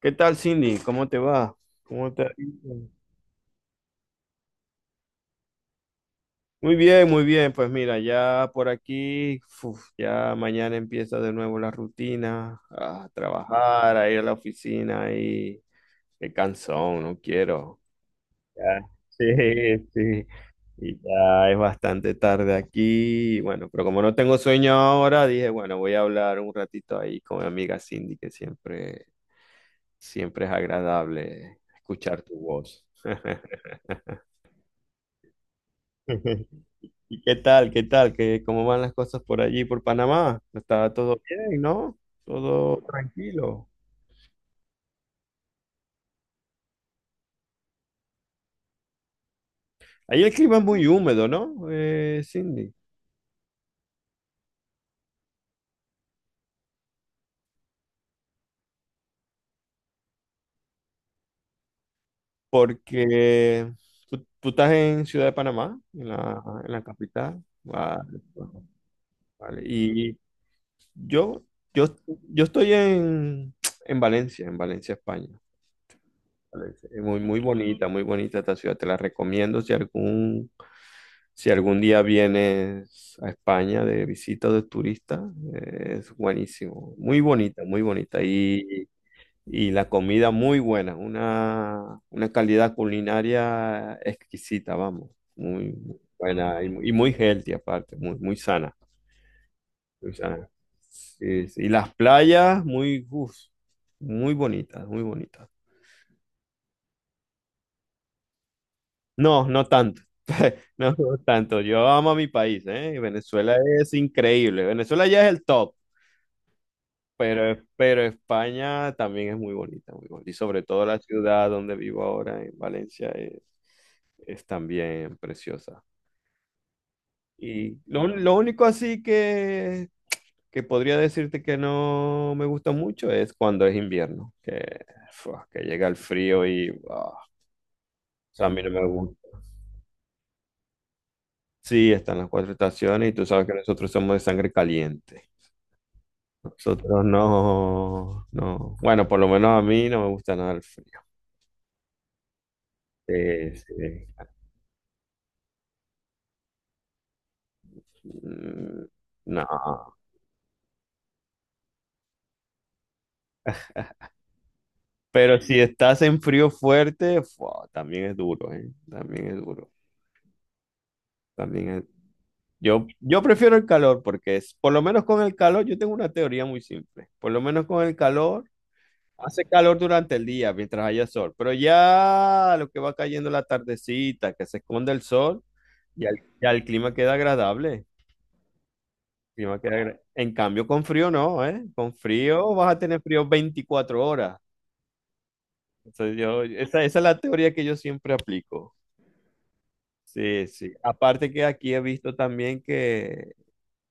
¿Qué tal, Cindy? ¿Cómo te va? ¿Cómo te ha ido? Muy bien, muy bien. Pues mira, ya por aquí, uf, ya mañana empieza de nuevo la rutina, a trabajar, a ir a la oficina y qué cansón, no quiero. Ya, sí, sí. Y ya es bastante tarde aquí, y bueno, pero como no tengo sueño ahora, dije, bueno, voy a hablar un ratito ahí con mi amiga Cindy, que siempre, siempre es agradable escuchar tu voz. ¿Y qué tal? ¿Qué tal? ¿Cómo van las cosas por allí, por Panamá? Está todo bien, ¿no? Todo tranquilo. Ahí el clima es muy húmedo, ¿no? Cindy, porque tú estás en Ciudad de Panamá, en la capital. Vale, vale. Y yo, yo, yo estoy en Valencia, en Valencia, España. Alex. Muy, muy bonita esta ciudad. Te la recomiendo si algún día vienes a España de visita o de turista. Es buenísimo. Muy bonita, muy bonita. Y la comida muy buena. Una calidad culinaria exquisita, vamos. Muy buena y muy healthy aparte, muy, muy sana. Muy sana. Sí, sí. Y las playas, muy, uf, muy bonitas, muy bonitas. No, no tanto. No, no tanto. Yo amo a mi país, ¿eh? Venezuela es increíble. Venezuela ya es el top, pero España también es muy bonita, muy bonita. Y sobre todo la ciudad donde vivo ahora, en Valencia, es también preciosa. Y lo único así que podría decirte que no me gusta mucho es cuando es invierno, fua, que llega el frío y, ah, o sea, a mí no me gusta. Sí, están las cuatro estaciones y tú sabes que nosotros somos de sangre caliente. Nosotros no, no. Bueno, por lo menos a mí no me gusta nada el frío. Sí. Mm, no. Pero si estás en frío fuerte, fua, también es duro, ¿eh? También es duro. También es... Yo prefiero el calor porque es, por lo menos con el calor, yo tengo una teoría muy simple. Por lo menos con el calor, hace calor durante el día mientras haya sol. Pero ya lo que va cayendo la tardecita, que se esconde el sol, ya el clima queda agradable. En cambio, con frío no, ¿eh? Con frío vas a tener frío 24 horas. Entonces, yo, esa es la teoría que yo siempre aplico. Sí, sí. Aparte que aquí he visto también que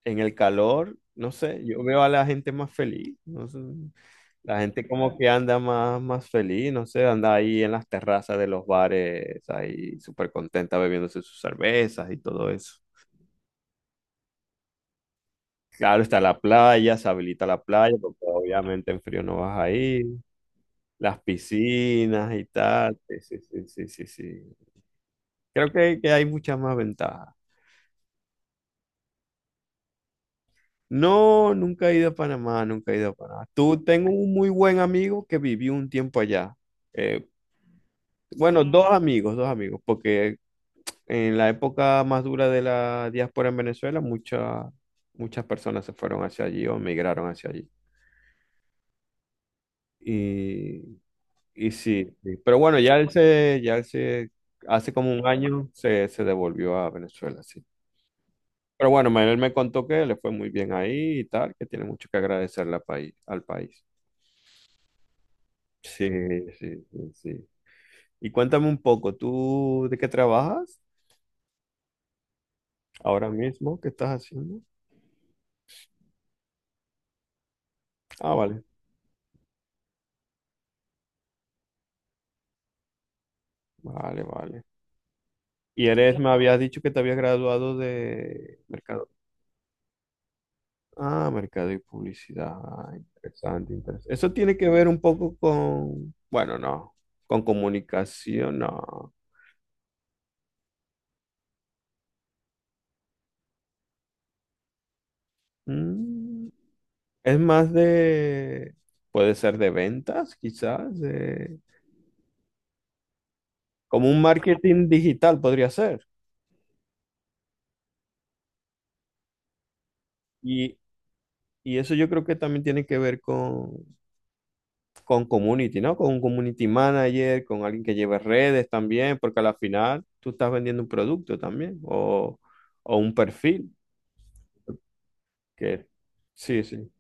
en el calor, no sé, yo veo a la gente más feliz, no sé, la gente como que anda más feliz, no sé, anda ahí en las terrazas de los bares, ahí súper contenta bebiéndose sus cervezas y todo eso. Claro, está la playa, se habilita la playa, porque obviamente en frío no vas ahí. Las piscinas y tal. Sí, sí, sí, sí, sí, sí. Creo que hay muchas más ventajas. No, nunca he ido a Panamá, nunca he ido a Panamá. Tengo un muy buen amigo que vivió un tiempo allá. Eh, bueno, dos amigos, porque en la época más dura de la diáspora en Venezuela, muchas personas se fueron hacia allí o migraron hacia allí. Y, y sí, sí. Pero bueno, hace como un año se devolvió a Venezuela, sí. Pero bueno, Manuel me contó que le fue muy bien ahí y tal, que tiene mucho que agradecerle al país, al país. Sí, sí, sí, sí. Y cuéntame un poco, ¿tú de qué trabajas ahora mismo? ¿Qué estás haciendo? Ah, vale, vale, vale. Me habías dicho que te habías graduado de mercado. Ah, mercado y publicidad. Ah, interesante, interesante. Eso tiene que ver un poco con, bueno, no, con comunicación, no. Mm. Es más de, puede ser de ventas, quizás, como un marketing digital podría ser. Y, y eso yo creo que también tiene que ver con community, ¿no? Con un community manager, con alguien que lleve redes también, porque al final tú estás vendiendo un producto también o un perfil. Que, sí, sí.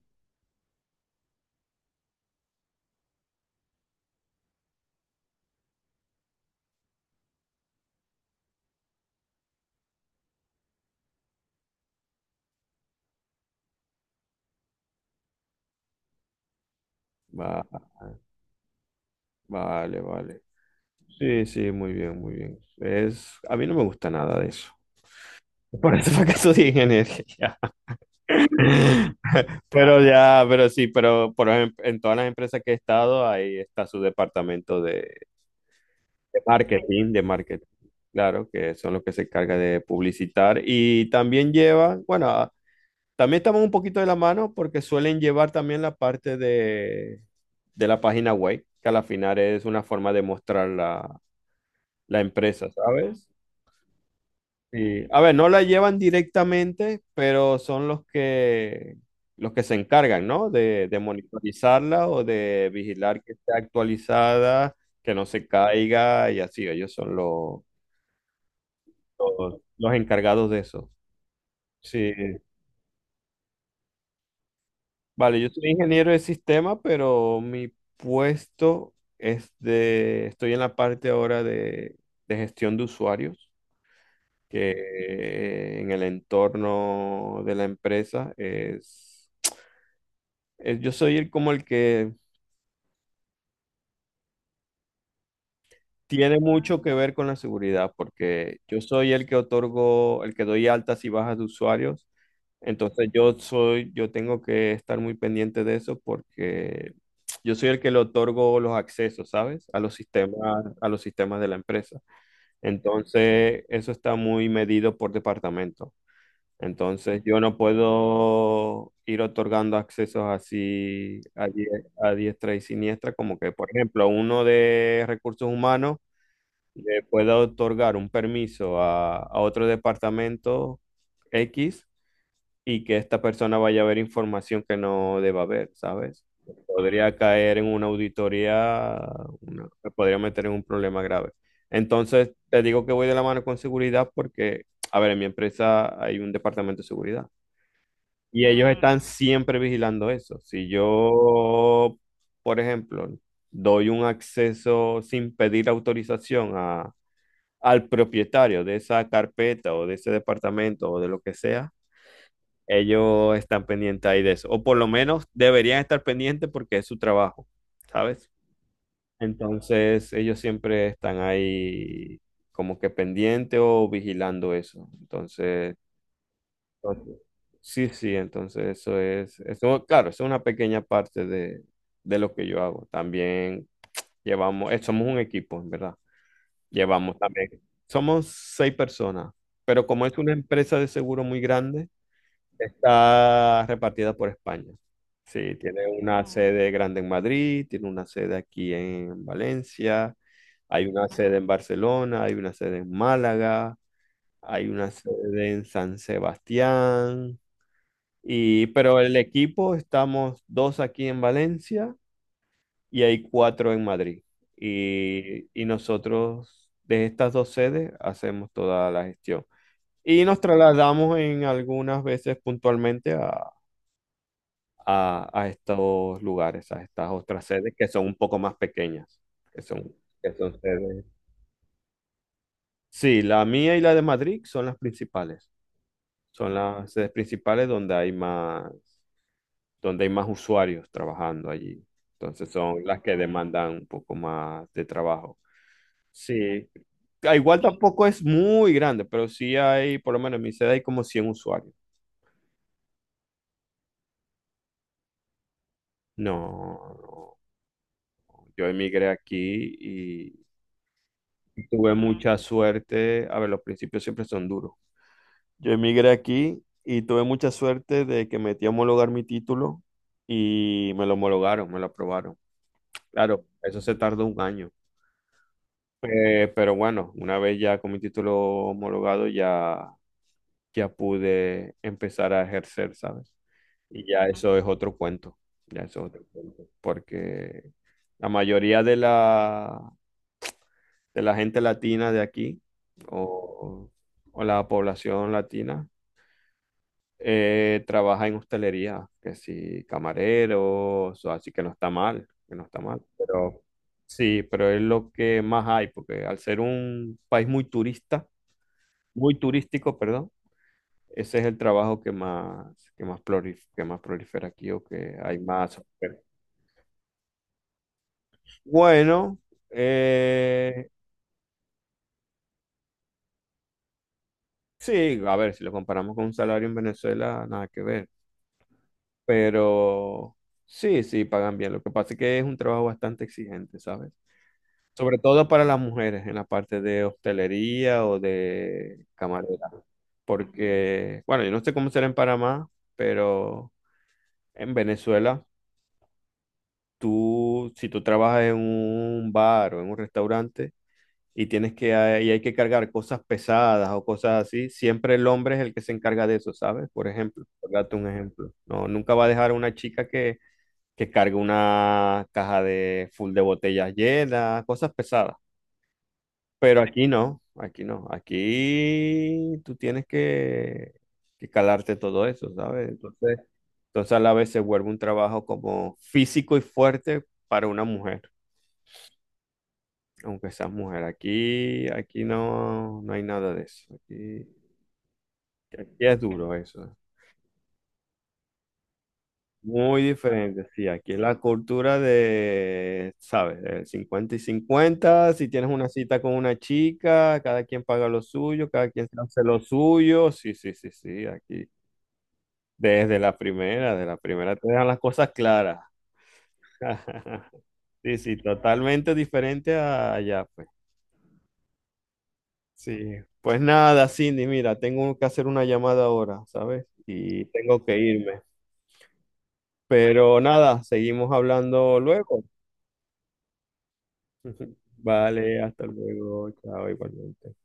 Va- vale, vale. Sí, sí, muy bien, muy bien. Es, a mí no me gusta nada de eso. Por eso fue que estudié ingeniería. Pero ya, pero sí, pero por ejemplo, en todas las empresas que he estado, ahí está su departamento de marketing, de marketing, claro, que son los que se encargan de publicitar y también llevan, bueno, también estamos un poquito de la mano porque suelen llevar también la parte de la página web, que a la final es una forma de mostrar la empresa, ¿sabes? Sí. A ver, no la llevan directamente, pero son los que se encargan, ¿no? De monitorizarla o de vigilar que esté actualizada, que no se caiga y así. Ellos son los encargados de eso. Sí. Vale, yo soy ingeniero de sistema, pero mi puesto es de, estoy en la parte ahora de gestión de usuarios, que en el entorno de la empresa es yo soy el como el que tiene mucho que ver con la seguridad, porque yo soy el que otorgo, el que doy altas y bajas de usuarios. Entonces yo tengo que estar muy pendiente de eso porque yo soy el que le otorgo los accesos, ¿sabes? A los sistemas de la empresa. Entonces, eso está muy medido por departamento. Entonces yo no puedo ir otorgando accesos así a diestra y siniestra, como que, por ejemplo, uno de recursos humanos le pueda otorgar un permiso a otro departamento X y que esta persona vaya a ver información que no deba ver, ¿sabes? Podría caer en una auditoría, me podría meter en un problema grave. Entonces, te digo que voy de la mano con seguridad porque, a ver, en mi empresa hay un departamento de seguridad. Y ellos están siempre vigilando eso. Si yo, por ejemplo, doy un acceso sin pedir autorización al propietario de esa carpeta o de ese departamento o de lo que sea, ellos están pendientes ahí de eso. O por lo menos deberían estar pendientes porque es su trabajo, ¿sabes? Entonces ellos siempre están ahí como que pendientes o vigilando eso. Entonces. Ok. Sí, sí, entonces eso es, eso, claro, eso es una pequeña parte de lo que yo hago. También llevamos, somos un equipo, en verdad. Llevamos también, somos seis personas, pero como es una empresa de seguro muy grande, está repartida por España. Sí, tiene una sede grande en Madrid, tiene una sede aquí en Valencia, hay una sede en Barcelona, hay una sede en Málaga, hay una sede en San Sebastián. Pero el equipo estamos dos aquí en Valencia y hay cuatro en Madrid. Y nosotros de estas dos sedes hacemos toda la gestión. Y nos trasladamos en algunas veces puntualmente a estos lugares, a estas otras sedes que son un poco más pequeñas, que son, que son sedes. Sí, la mía y la de Madrid son las principales. Son las sedes principales donde hay más usuarios trabajando allí. Entonces son las que demandan un poco más de trabajo. Sí, ah, igual tampoco es muy grande, pero sí hay, por lo menos en mi sede hay como 100 usuarios. No, no. Yo emigré aquí y tuve mucha suerte. A ver, los principios siempre son duros. Yo emigré aquí y tuve mucha suerte de que metí a homologar mi título y me lo homologaron, me lo aprobaron. Claro, eso se tardó un año. Pero bueno, una vez ya con mi título homologado, ya pude empezar a ejercer, ¿sabes? Y ya eso es otro cuento, ya eso es otro cuento, porque la mayoría de la gente latina de aquí, o, o la población latina, trabaja en hostelería, que si camareros, o así que no está mal, que no está mal, pero sí, pero es lo que más hay, porque al ser un país muy turista, muy turístico, perdón, ese es el trabajo que más prolifera aquí o que hay más oferta. Bueno, eh, sí, a ver, si lo comparamos con un salario en Venezuela, nada que ver, pero sí, sí, pagan bien. Lo que pasa es que es un trabajo bastante exigente, ¿sabes? Sobre todo para las mujeres en la parte de hostelería o de camarera, porque, bueno, yo no sé cómo será en Panamá, pero en Venezuela si tú trabajas en un bar o en un restaurante y tienes que, y hay que cargar cosas pesadas o cosas así, siempre el hombre es el que se encarga de eso, ¿sabes? Por ejemplo, por darte un ejemplo. No, nunca va a dejar a una chica que cargue una caja de full de botellas llenas, cosas pesadas. Pero aquí no, aquí no. Aquí tú tienes que calarte todo eso, ¿sabes? Entonces a la vez se vuelve un trabajo como físico y fuerte para una mujer. Aunque seas mujer, aquí no hay nada de eso. Aquí es duro eso. Muy diferente, sí. Aquí es la cultura de, ¿sabes? Del 50 y 50. Si tienes una cita con una chica, cada quien paga lo suyo, cada quien hace lo suyo. Sí, sí, sí, sí. Aquí, de la primera te dejan las cosas claras. Sí, sí, totalmente diferente a allá, pues. Sí, pues nada, Cindy, mira, tengo que hacer una llamada ahora, ¿sabes? Y tengo que irme. Pero nada, seguimos hablando luego. Vale, hasta luego, chao, igualmente.